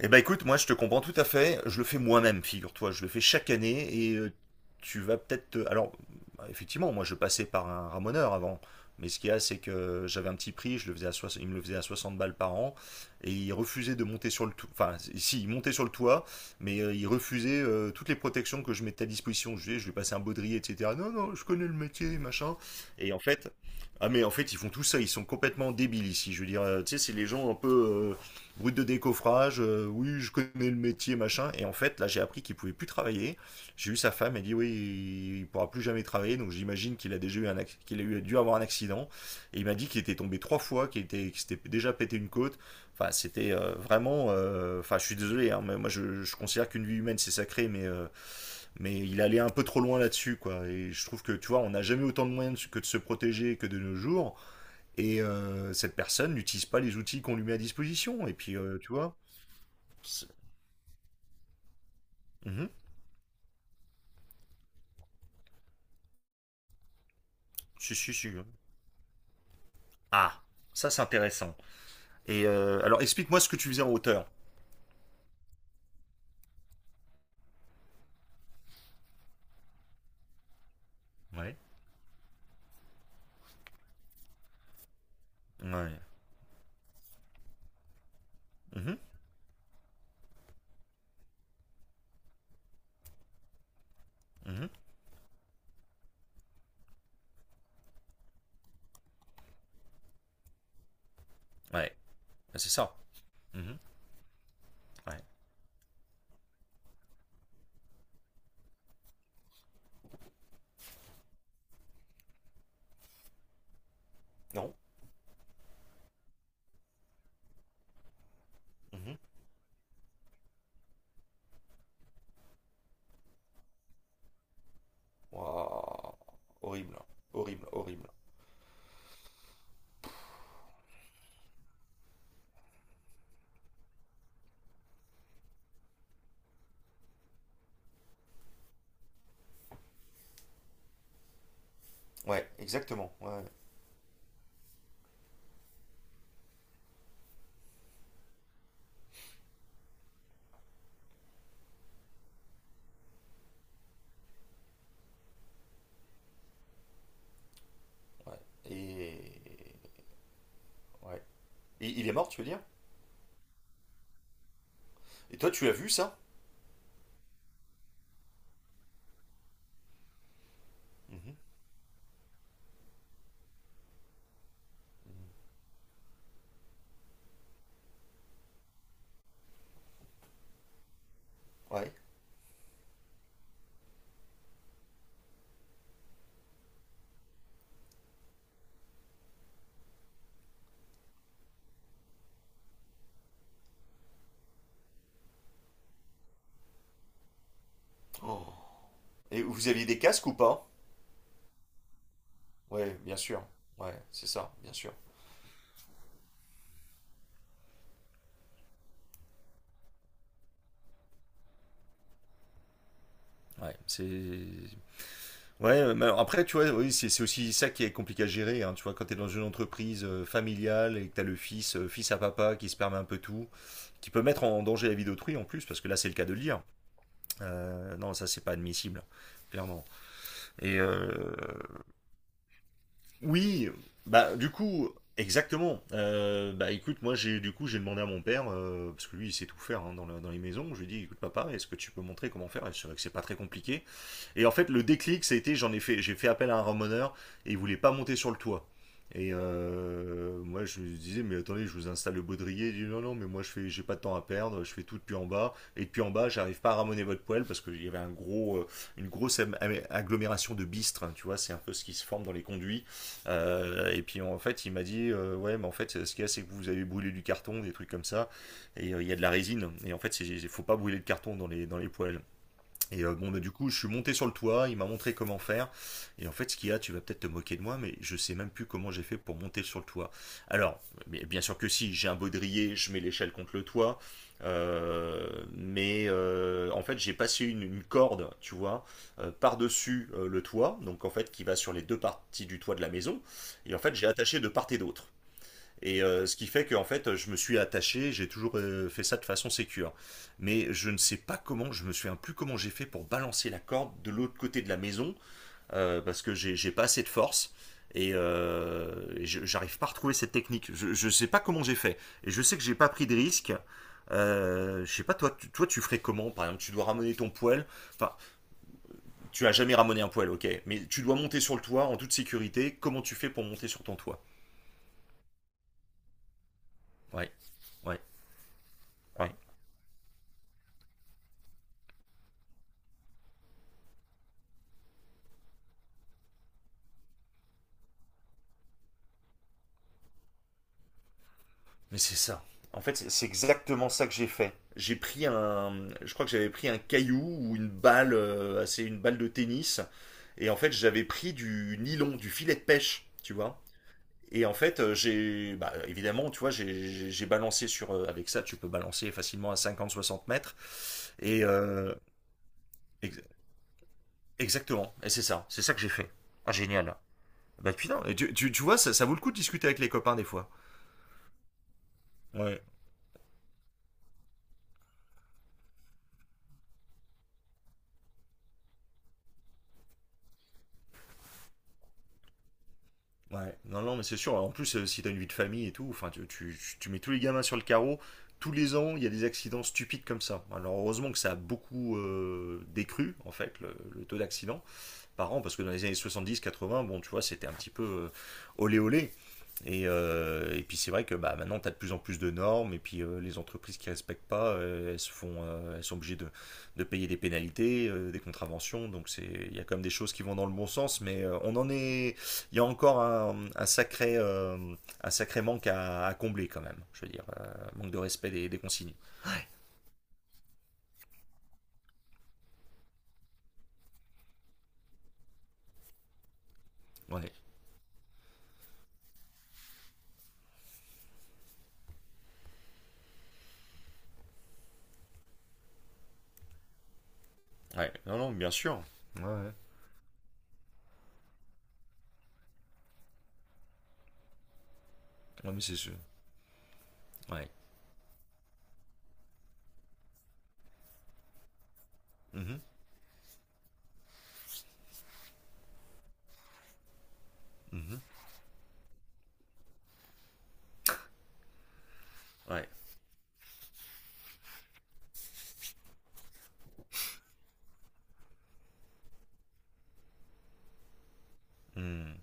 Eh ben écoute, moi je te comprends tout à fait, je le fais moi-même, figure-toi, je le fais chaque année tu vas peut-être... te- effectivement, moi je passais par un ramoneur avant, mais ce qu'il y a c'est que j'avais un petit prix, je le faisais à soix- il me le faisait à 60 balles par an et il refusait de monter sur le toit, enfin si, il montait sur le toit, mais il refusait toutes les protections que je mettais à disposition, je lui passais un baudrier, etc. Non, non, je connais le métier, machin. Et en fait, ah mais en fait ils font tout ça, ils sont complètement débiles ici, je veux dire, tu sais, c'est les gens Route de décoffrage, oui, je connais le métier, machin. Et en fait, là, j'ai appris qu'il pouvait plus travailler. J'ai eu sa femme, elle dit oui, il pourra plus jamais travailler. Donc j'imagine qu'il a déjà eu un acc- qu'il a eu- dû avoir un accident. Et il m'a dit qu'il était tombé trois fois, qu'il s'était déjà pété une côte. Enfin, c'était vraiment. Enfin, je suis désolé, hein, mais moi, je considère qu'une vie humaine, c'est sacré, mais il allait un peu trop loin là-dessus, quoi. Et je trouve que, tu vois, on n'a jamais autant de moyens de se- que de se protéger que de nos jours. Cette personne n'utilise pas les outils qu'on lui met à disposition. Et puis, tu vois. C'est- Mhm. Si, si, si. Ah, ça c'est intéressant. Alors explique-moi ce que tu faisais en hauteur. Ouais. Ouais. Mhm. Mhm. Ouais. Bah, c'est ça. Mhm. Ouais. Non. Mhm. Waouh. Horrible. Horrible, horrible. Ouais, exactement. Ouais. Ouais. Et... ouais. Et il est mort, tu veux dire? Et toi, tu l'as vu ça? Mhm. Ouais. Oh. Et vous aviez des casques ou pas? Ouais, bien sûr. Ouais, c'est ça, bien sûr. Ouais, c'est... Ouais, mais alors après, tu vois, oui, c'est aussi ça qui est compliqué à gérer, hein, tu vois, quand tu es dans une entreprise familiale et que tu as le fils, fils à papa, qui se permet un peu tout, qui peut mettre en danger la vie d'autrui en plus, parce que là, c'est le cas de le dire. Non, ça, c'est pas admissible, clairement. Et euh, oui, bah, du coup, exactement. Bah, écoute, moi, j'ai demandé à mon père, parce que lui, il sait tout faire hein, dans les maisons, je lui ai dit, écoute, papa, est-ce que tu peux montrer comment faire? Et c'est vrai que c'est pas très compliqué. Et en fait, le déclic, ça a été, j'ai fait appel à un ramoneur et il voulait pas monter sur le toit. Moi, je lui disais, mais attendez, je vous installe le baudrier. Il dit, non, non, mais moi, j'ai pas de temps à perdre. Je fais tout depuis en bas. Et depuis en bas, j'arrive pas à ramoner votre poêle parce qu'il y avait une grosse agglomération de bistres. Hein, tu vois, c'est un peu ce qui se forme dans les conduits. Et puis, en fait, il m'a dit, ouais, mais en fait, ce qu'il y a, c'est que vous avez brûlé du carton, des trucs comme ça. Il y a de la résine. Et en fait, il faut pas brûler de carton dans les poêles. Bon, bah, du coup, je suis monté sur le toit, il m'a montré comment faire. Et en fait, ce qu'il y a, tu vas peut-être te moquer de moi, mais je sais même plus comment j'ai fait pour monter sur le toit. Alors, mais bien sûr que si, j'ai un baudrier, je mets l'échelle contre le toit. Euh, en fait, j'ai passé une corde, tu vois, par-dessus le toit, donc en fait, qui va sur les deux parties du toit de la maison. Et en fait, j'ai attaché de part et d'autre. Ce qui fait qu'en fait, je me suis attaché, j'ai toujours fait ça de façon sécure. Mais je ne sais pas comment, je me souviens plus comment j'ai fait pour balancer la corde de l'autre côté de la maison, parce que j'ai pas assez de force. Et, euh, j'arrive pas à retrouver cette technique. Je sais pas comment j'ai fait. Et je sais que j'ai pas pris de risque. Je sais pas, toi, tu ferais comment? Par exemple, tu dois ramener ton poêle. Enfin, tu as jamais ramené un poêle, ok. Mais tu dois monter sur le toit en toute sécurité. Comment tu fais pour monter sur ton toit? Ouais, ouais, ouais. Mais c'est ça. En fait, exactement ça que j'ai fait. Je crois que j'avais pris un caillou ou une balle, assez une balle de tennis, et en fait j'avais pris du nylon, du filet de pêche, tu vois. Et en fait, bah, évidemment, tu vois, j'ai balancé sur, avec ça, tu peux balancer facilement à 50-60 mètres. Et euh, ex- exactement, et c'est ça que j'ai fait. Ah génial. Bah putain, et tu vois, ça vaut le coup de discuter avec les copains des fois. Ouais. Ouais, non, non, mais c'est sûr. En plus, si t'as une vie de famille et tout, enfin, tu mets tous les gamins sur le carreau. Tous les ans, il y a des accidents stupides comme ça. Alors, heureusement que ça a beaucoup décru, en fait, le taux d'accident par an, parce que dans les années 70-80, bon, tu vois, c'était un petit peu olé olé. Et puis c'est vrai que bah, maintenant, tu as de plus en plus de normes, et puis les entreprises qui ne respectent pas, se font, elles sont obligées de payer des pénalités, des contraventions, il y a quand même des choses qui vont dans le bon sens, mais il y a encore un sacré manque à combler quand même, je veux dire, manque de respect des consignes. Ouais. Ouais. Non, non, bien sûr. Ouais, Ouais, mais c'est sûr. Ouais. Mhm. Mhm. Ouais. Hmm.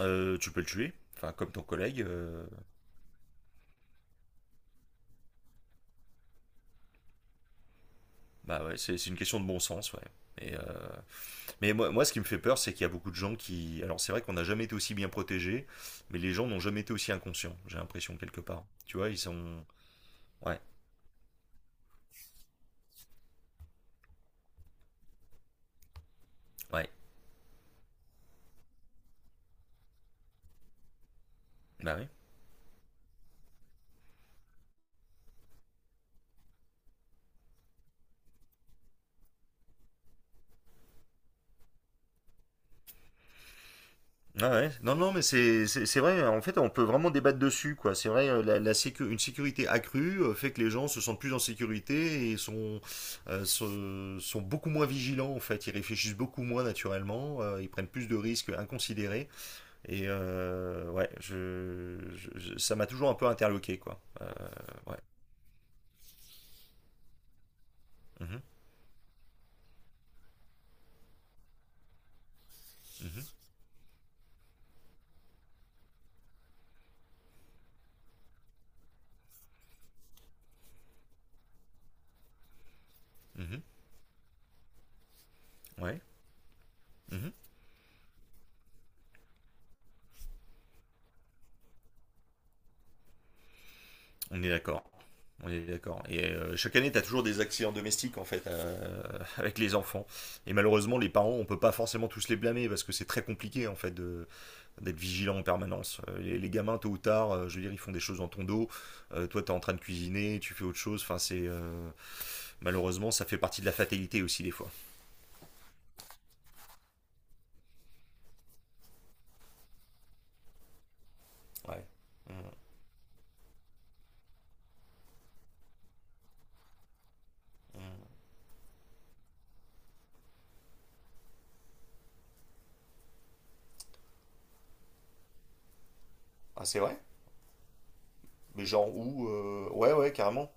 Tu peux le tuer, enfin comme ton collègue. Bah ouais, c'est une question de bon sens, ouais. Et, euh, mais moi, ce qui me fait peur, c'est qu'il y a beaucoup de gens qui. Alors, c'est vrai qu'on n'a jamais été aussi bien protégés, mais les gens n'ont jamais été aussi inconscients, j'ai l'impression, quelque part. Tu vois, ils sont. Ouais, ouais. Bah oui. Ah ouais. Non, non, mais c'est vrai, en fait, on peut vraiment débattre dessus, quoi. C'est vrai, une sécurité accrue fait que les gens se sentent plus en sécurité et sont, sont beaucoup moins vigilants, en fait. Ils réfléchissent beaucoup moins naturellement, ils prennent plus de risques inconsidérés. Ouais, ça m'a toujours un peu interloqué, quoi. Ouais. Ouais. Mhm, mhm, mhm, ouais. Mhm. On est d'accord. On est d'accord. Chaque année, tu as toujours des accidents domestiques, en fait, avec les enfants. Et malheureusement, les parents, on peut pas forcément tous les blâmer parce que c'est très compliqué, en fait, d'être vigilant en permanence. Les gamins, tôt ou tard, je veux dire, ils font des choses dans ton dos. Toi, tu es en train de cuisiner, tu fais autre chose. Enfin, c'est. Malheureusement, ça fait partie de la fatalité aussi, des fois. Ouais. Mm, mm. Ah, c'est vrai? Mais genre où? Ouais, ouais, carrément.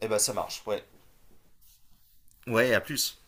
Eh ben, ça marche, ouais. Ouais, à plus.